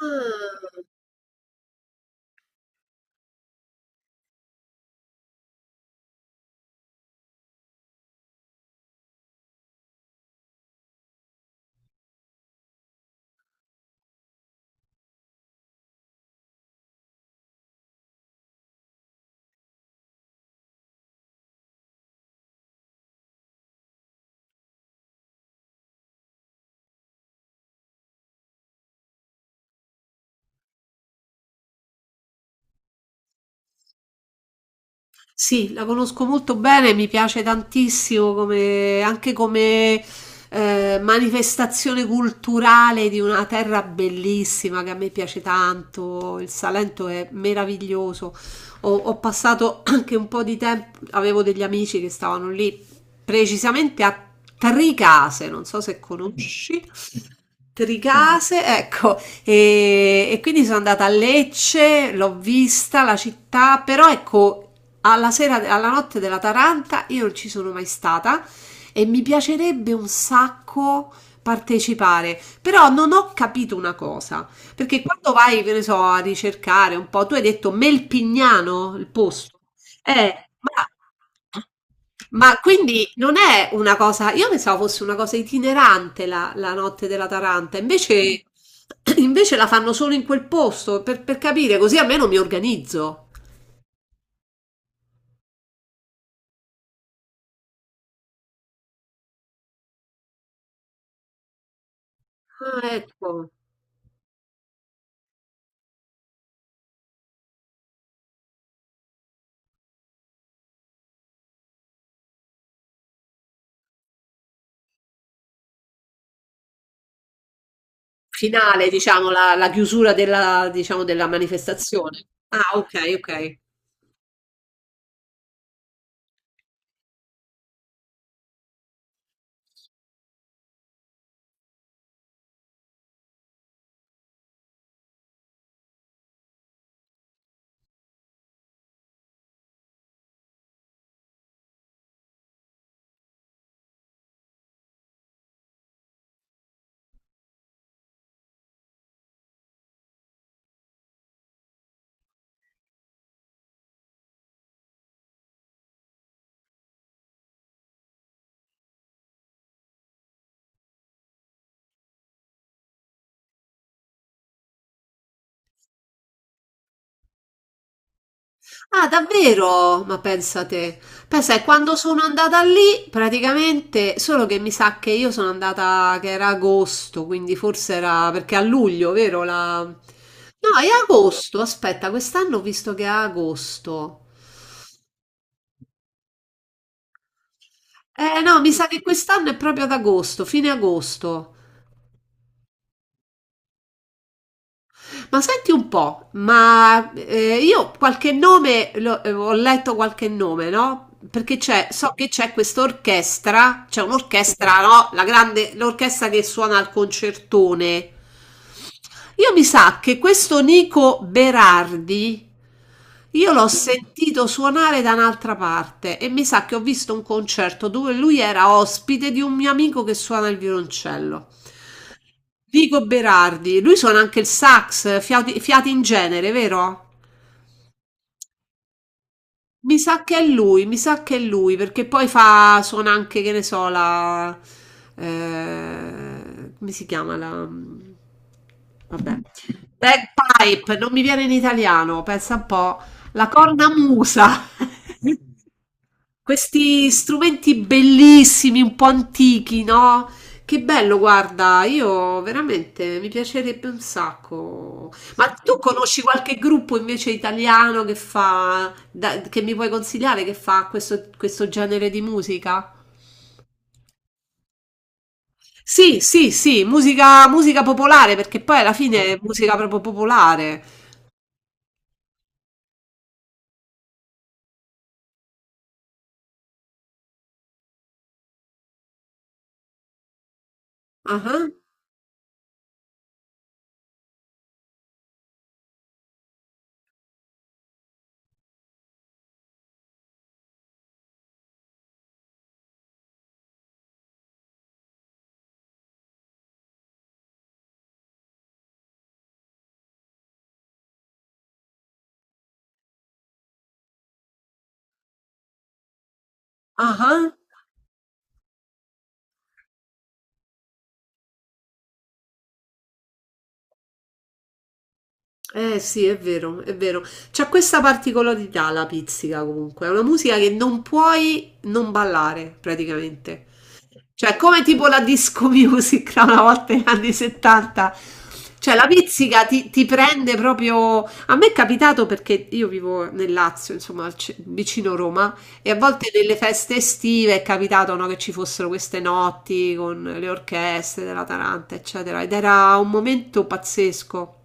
Ah, sì, la conosco molto bene, mi piace tantissimo come, anche come manifestazione culturale di una terra bellissima che a me piace tanto. Il Salento è meraviglioso. Ho passato anche un po' di tempo, avevo degli amici che stavano lì, precisamente a Tricase, non so se conosci. Tricase, ecco, e quindi sono andata a Lecce, l'ho vista la città, però ecco, alla sera, alla notte della Taranta io non ci sono mai stata e mi piacerebbe un sacco partecipare, però non ho capito una cosa, perché quando vai, che ne so, a ricercare un po', tu hai detto Melpignano, il posto, eh, ma ma quindi non è una cosa, io pensavo fosse una cosa itinerante la notte della Taranta, invece invece la fanno solo in quel posto, per capire, così almeno mi organizzo. Ah, ecco. Finale, diciamo, la chiusura della, diciamo, della manifestazione. Ah, okay, okay. Ah, davvero? Ma pensa te. Pensa, che quando sono andata lì, praticamente, solo che mi sa che io sono andata che era agosto, quindi forse era perché a luglio, vero? La... No, è agosto, aspetta, quest'anno ho visto che è agosto. Eh no, mi sa che quest'anno è proprio ad agosto, fine agosto. Ma senti un po', ma io qualche nome, lo- ho letto qualche nome, no? Perché c'è, so che c'è questa orchestra, c'è un'orchestra, no? La grande, l'orchestra che suona al concertone. Io mi sa che questo Nico Berardi, io l'ho sentito suonare da un'altra parte e mi sa che ho visto un concerto dove lui era ospite di un mio amico che suona il violoncello. Vico Berardi, lui suona anche il sax, fiati, fiati in genere, vero? Mi sa che è lui, mi sa che è lui, perché poi fa, suona anche, che ne so, la... come si chiama la... Vabbè. Bagpipe, non mi viene in italiano, pensa un po'. La cornamusa. Questi strumenti bellissimi, un po' antichi, no? Che bello, guarda, io veramente mi piacerebbe un sacco. Ma tu conosci qualche gruppo invece italiano che fa, da- che mi puoi consigliare che fa questo, questo genere di musica? Sì, sì, sì, musica, musica popolare, perché poi alla fine è musica proprio popolare. Ah, ah. Eh sì, è vero, è vero. C'ha questa particolarità la pizzica comunque, è una musica che non puoi non ballare praticamente. Cioè, come tipo la disco music da una volta negli anni 70. Cioè, la pizzica ti, ti prende proprio. A me è capitato perché io vivo nel Lazio, insomma, al ce- vicino Roma, e a volte nelle feste estive è capitato, no, che ci fossero queste notti con le orchestre della Taranta, eccetera. Ed era un momento pazzesco.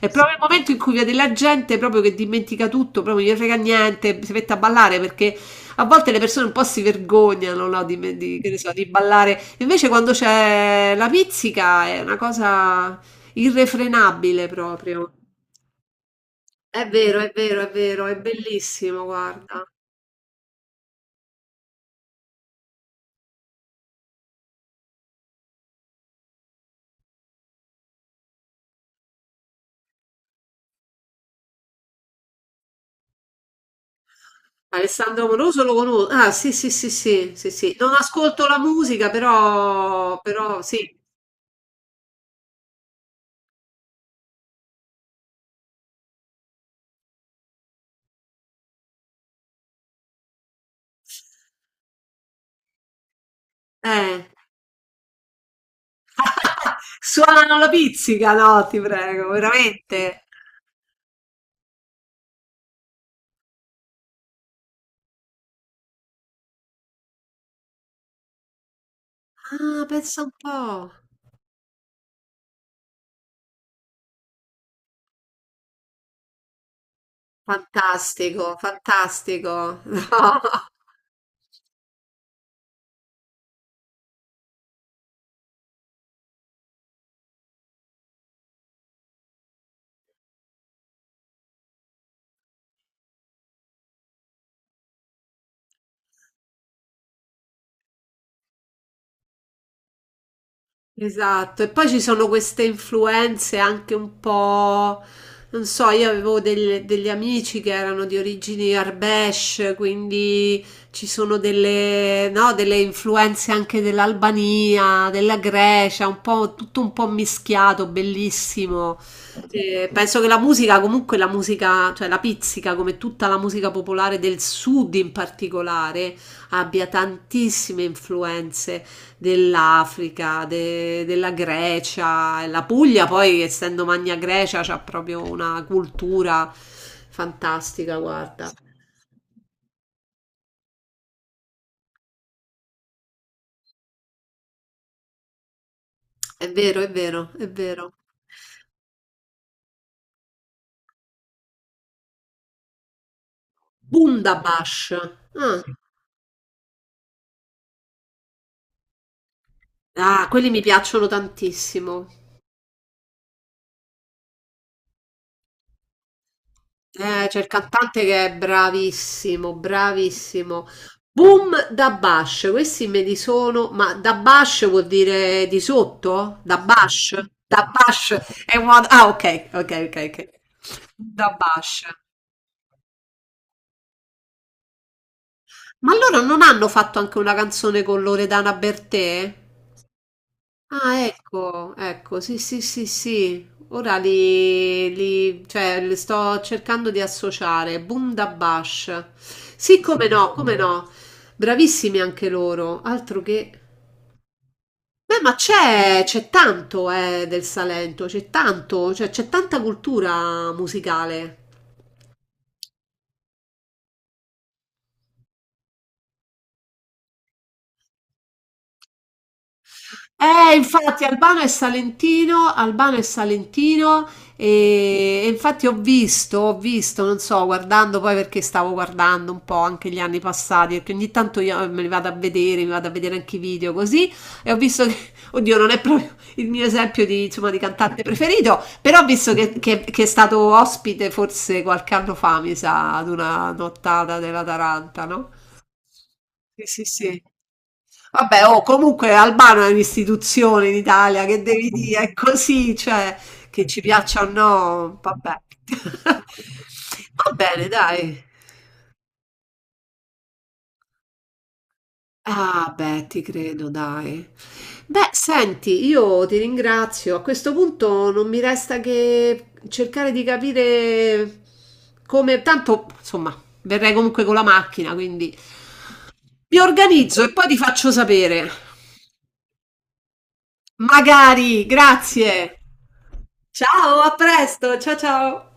È proprio il momento in cui vede la gente proprio che dimentica tutto, proprio non gli frega niente, si mette a ballare perché a volte le persone un po' si vergognano, no, di, me- di- che ne so, di ballare. Invece quando c'è la pizzica è una cosa irrefrenabile proprio. È vero, è vero, è vero, è bellissimo, guarda. Alessandro Amoroso lo conosco. Ah, sì, sì, sì, sì, sì, sì. Non ascolto la musica, però, però sì. Eh. Suonano la pizzica, no, ti prego, veramente. Ah, pensa un po'. Fantastico, fantastico. No. Esatto, e poi ci sono queste influenze anche un po', non so, io avevo del- degli amici che erano di origini Arbesh, quindi ci sono delle, no, delle influenze anche dell'Albania, della Grecia, un po', tutto un po' mischiato, bellissimo. Penso che la musica, comunque la musica, cioè la pizzica, come tutta la musica popolare del sud in particolare, abbia tantissime influenze dell'Africa, de- della Grecia, la Puglia poi essendo Magna Grecia c'ha proprio una cultura fantastica, guarda. È vero, è vero, è vero. Bundabash. Ah, ah, quelli mi piacciono tantissimo. C'è il cantante che è bravissimo, bravissimo. Boom da Bash, questi me li sono, ma da Bash vuol dire di sotto? Da Bash? Da Bash è una... Ah, ok, ok, ok, ok. Da Bash. Ma allora non hanno fatto anche una canzone con Loredana Bertè? Ah, ecco, ecco, sì, sì, sì, sì. Ora li, li- cioè, li sto cercando di associare. Boom da Bash. Sì, come no, come no. Bravissimi anche loro. Altro che... Beh, ma c'è tanto, del Salento, c'è tanto, cioè, c'è tanta cultura musicale. Infatti Albano è salentino e infatti ho visto, non so, guardando poi perché stavo guardando un po' anche gli anni passati, perché ogni tanto io me li vado a vedere, mi vado a vedere anche i video così e ho visto che, oddio, non è proprio il mio esempio di, insomma, di cantante preferito, però ho visto che è stato ospite forse qualche anno fa, mi sa, ad una nottata della Taranta, no? Sì, sì, sì. Vabbè, oh, comunque Albano è un'istituzione in Italia, che devi dire, è così, cioè, che ci piaccia o no, vabbè. Va bene, dai. Ah, beh, ti credo, dai. Beh, senti, io ti ringrazio. A questo punto non mi resta che cercare di capire come... Tanto, insomma, verrei comunque con la macchina, quindi mi organizzo e poi ti faccio sapere. Magari, grazie. Ciao, a presto. Ciao ciao.